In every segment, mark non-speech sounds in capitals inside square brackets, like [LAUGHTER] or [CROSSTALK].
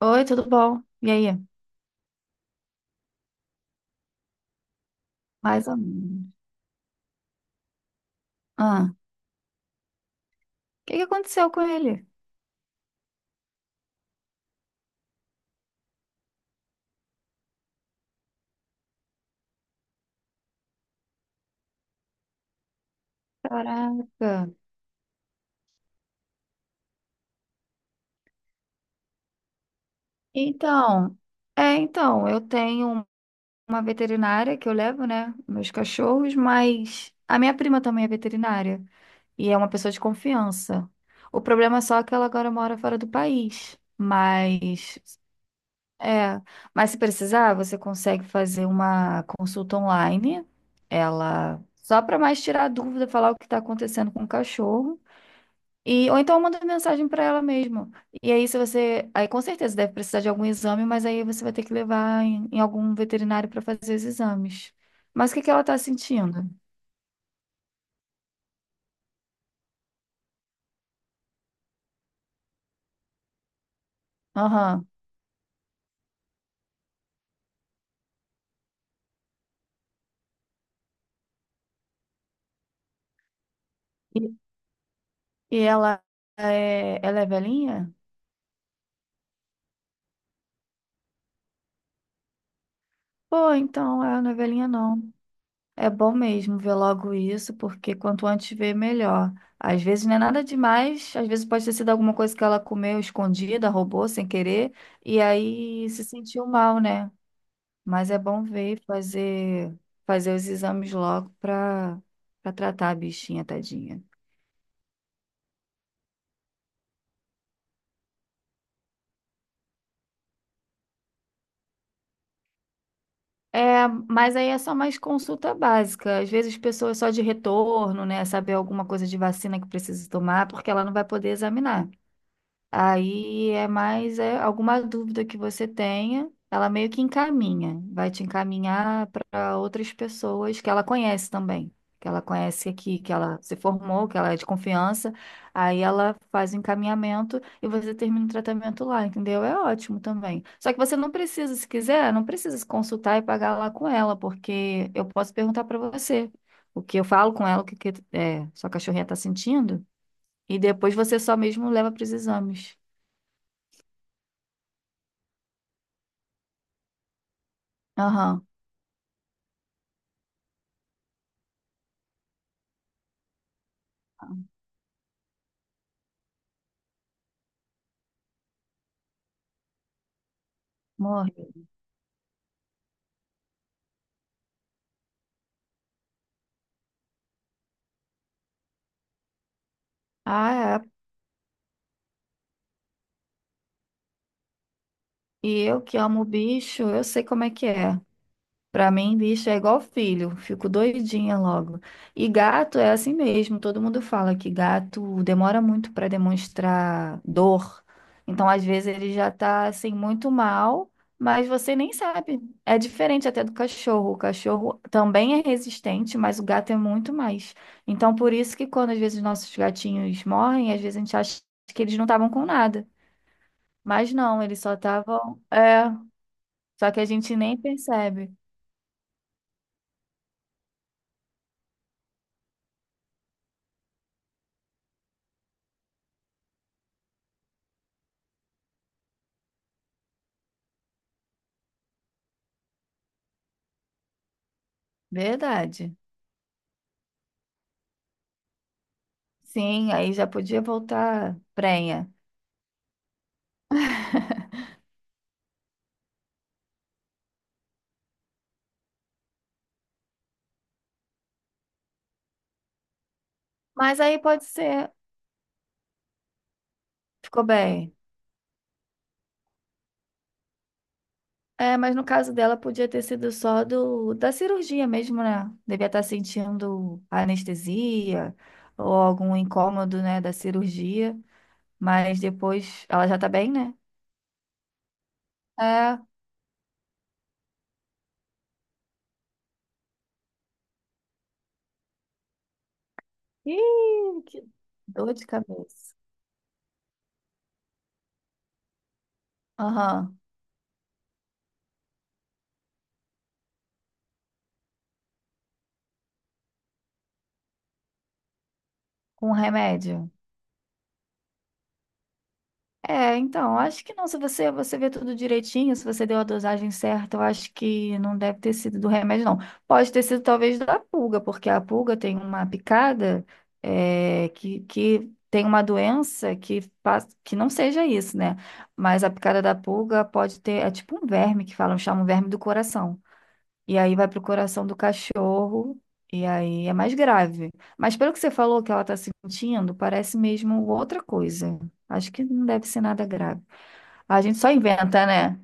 Oi, tudo bom? E aí? Mais ou menos. Ah, o que que aconteceu com ele? Caraca. Então, então, eu tenho uma veterinária que eu levo, né, meus cachorros, mas a minha prima também é veterinária e é uma pessoa de confiança. O problema é só que ela agora mora fora do país, mas é, mas se precisar, você consegue fazer uma consulta online. Ela só para mais tirar a dúvida, falar o que está acontecendo com o cachorro. E, ou então manda mensagem para ela mesmo. E aí, se você. Aí, com certeza, deve precisar de algum exame, mas aí você vai ter que levar em algum veterinário para fazer os exames. Mas o que que ela tá sentindo? Aham. E, e ela ela é velhinha? Pô, então ela não é velhinha, não. É bom mesmo ver logo isso, porque quanto antes ver, melhor. Às vezes não é nada demais, às vezes pode ter sido alguma coisa que ela comeu escondida, roubou sem querer, e aí se sentiu mal, né? Mas é bom ver e fazer, fazer os exames logo para para tratar a bichinha, tadinha. É, mas aí é só mais consulta básica. Às vezes, pessoas só de retorno, né? Saber alguma coisa de vacina que precisa tomar, porque ela não vai poder examinar. Aí é mais alguma dúvida que você tenha, ela meio que encaminha, vai te encaminhar para outras pessoas que ela conhece também, que ela conhece aqui, que ela se formou, que ela é de confiança. Aí ela faz o encaminhamento e você termina o tratamento lá, entendeu? É ótimo também. Só que você não precisa, se quiser, não precisa se consultar e pagar lá com ela, porque eu posso perguntar para você o que eu falo com ela, o que, que é, sua cachorrinha está sentindo, e depois você só mesmo leva para os exames. Aham, morreu. Ah, é. E eu que amo bicho, eu sei como é que é. Pra mim, bicho é igual filho, fico doidinha logo. E gato é assim mesmo, todo mundo fala que gato demora muito pra demonstrar dor. Então, às vezes, ele já tá assim muito mal, mas você nem sabe. É diferente até do cachorro. O cachorro também é resistente, mas o gato é muito mais. Então, por isso que quando às vezes nossos gatinhos morrem, às vezes a gente acha que eles não estavam com nada. Mas não, eles só estavam. É, só que a gente nem percebe. Verdade. Sim, aí já podia voltar prenha. Mas aí pode ser. Ficou bem. É, mas no caso dela podia ter sido só do da cirurgia mesmo, né? Devia estar sentindo anestesia ou algum incômodo, né, da cirurgia. Mas depois ela já tá bem, né? É. Ih, que dor de cabeça. Aham. Com remédio. É, então, acho que não. Se você, você vê tudo direitinho, se você deu a dosagem certa, eu acho que não deve ter sido do remédio, não. Pode ter sido talvez da pulga, porque a pulga tem uma picada que tem uma doença que faz, que não seja isso, né? Mas a picada da pulga pode ter, é tipo um verme que falam, chamam verme do coração. E aí vai pro coração do cachorro, e aí é mais grave. Mas pelo que você falou que ela está sentindo, parece mesmo outra coisa. Acho que não deve ser nada grave. A gente só inventa, né?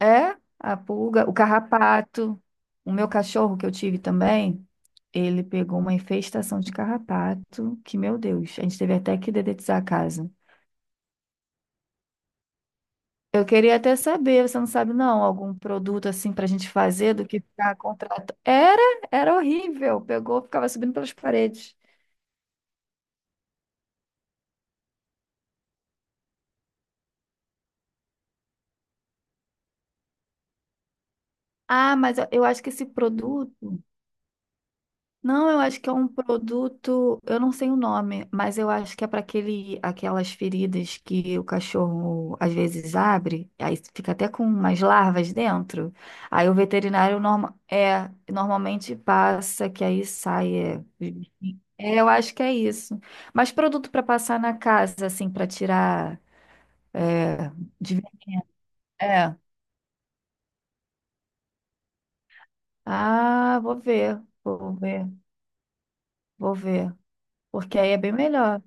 É a pulga, o carrapato. O meu cachorro que eu tive também, ele pegou uma infestação de carrapato, que, meu Deus, a gente teve até que dedetizar a casa. Eu queria até saber, você não sabe não, algum produto assim para a gente fazer do que ficar contrato. Era, era horrível. Pegou, ficava subindo pelas paredes. Ah, eu acho que esse produto. Não, eu acho que é um produto, eu não sei o nome, mas eu acho que é para aquele, aquelas feridas que o cachorro às vezes abre, aí fica até com umas larvas dentro. Aí o veterinário normalmente passa, que aí sai. Eu acho que é isso. Mas produto para passar na casa, assim, para tirar é, de veneno. É. Ah, vou ver, vou ver. Porque aí é bem melhor.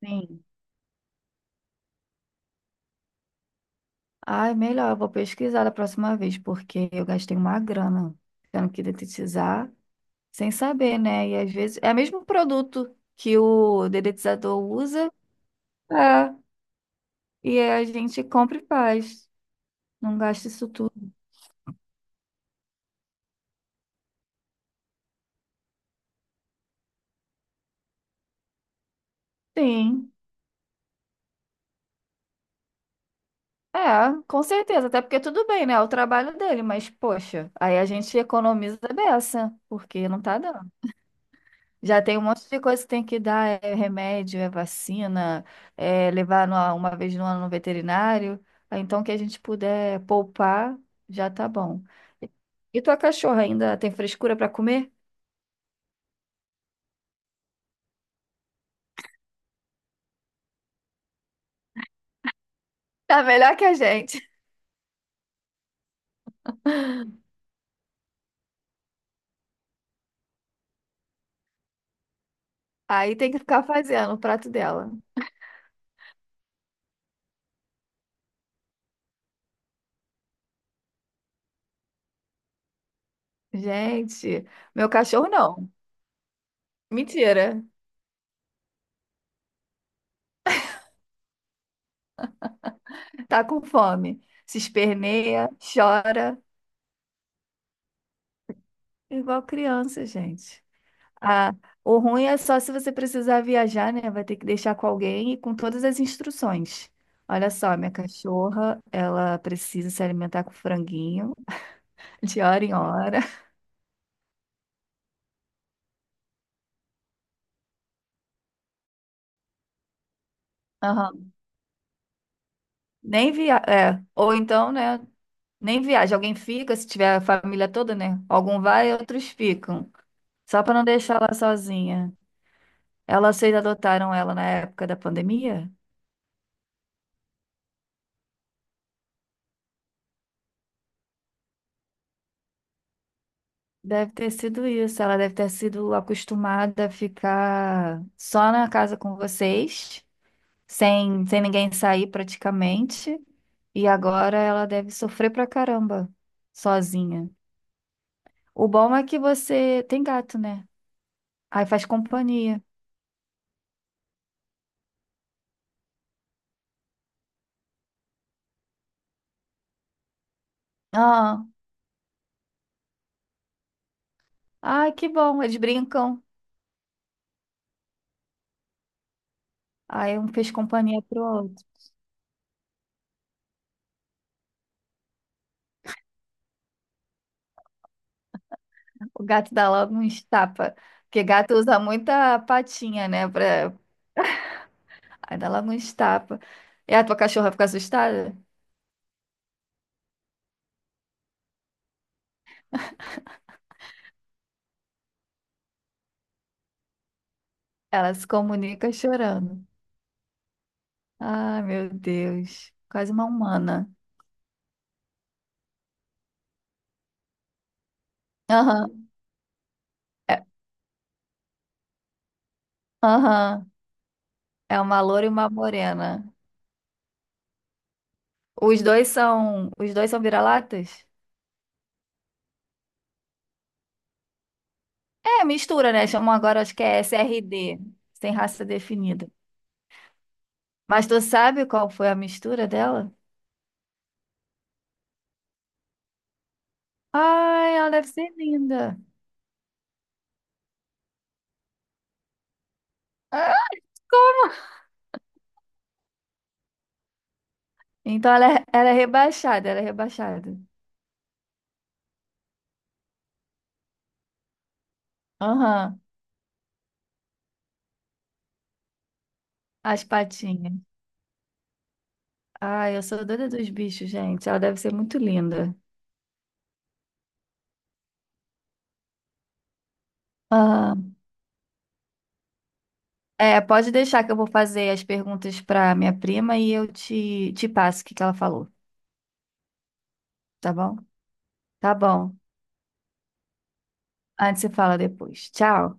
Sim. Ai, melhor, eu vou pesquisar da próxima vez, porque eu gastei uma grana tendo que dedetizar sem saber, né? E às vezes é o mesmo produto que o dedetizador usa, é, e aí a gente compra e faz. Não gasta isso tudo. Sim, é, com certeza, até porque tudo bem, né? É o trabalho dele, mas poxa, aí a gente economiza a beça, porque não tá dando. Já tem um monte de coisa que tem que dar, é remédio, é vacina, é levar numa- uma vez no ano no veterinário. Ah, então, que a gente puder poupar, já tá bom. E e tua cachorra ainda tem frescura para comer? Tá melhor que a gente. Aí tem que ficar fazendo o prato dela. Gente, meu cachorro não. Mentira. Tá com fome. Se esperneia, chora, igual criança, gente. Ah, o ruim é só se você precisar viajar, né? Vai ter que deixar com alguém e com todas as instruções. Olha só, minha cachorra, ela precisa se alimentar com franguinho [LAUGHS] de hora em hora. Aham. Nem via... é, ou então, né? Nem viaja. Alguém fica, se tiver a família toda, né? Algum vai e outros ficam. Só para não deixar ela sozinha. Ela, vocês adotaram ela na época da pandemia? Deve ter sido isso. Ela deve ter sido acostumada a ficar só na casa com vocês, sem ninguém sair praticamente. E agora ela deve sofrer pra caramba, sozinha. O bom é que você tem gato, né? Aí faz companhia. Ah, ai, que bom, eles brincam. Aí um fez companhia pro outro. O gato dá logo um estapa. Porque gato usa muita patinha, né? Pra... Aí dá logo um estapa. E a tua cachorra fica assustada? Ela se comunica chorando. Ai, meu Deus. Quase uma humana. Aham. É, aham. É uma loura e uma morena. Os dois são vira-latas? É, mistura, né? Chamam agora, acho que é SRD, sem raça definida. Mas tu sabe qual foi a mistura dela? Ai, ela deve ser linda. Ah, então ela é rebaixada, ela é rebaixada. Aham, as patinhas. Ai, eu sou doida dos bichos, gente. Ela deve ser muito linda. É, pode deixar que eu vou fazer as perguntas para minha prima e eu te, te passo o que que ela falou, tá bom? Tá bom. Antes você fala depois. Tchau.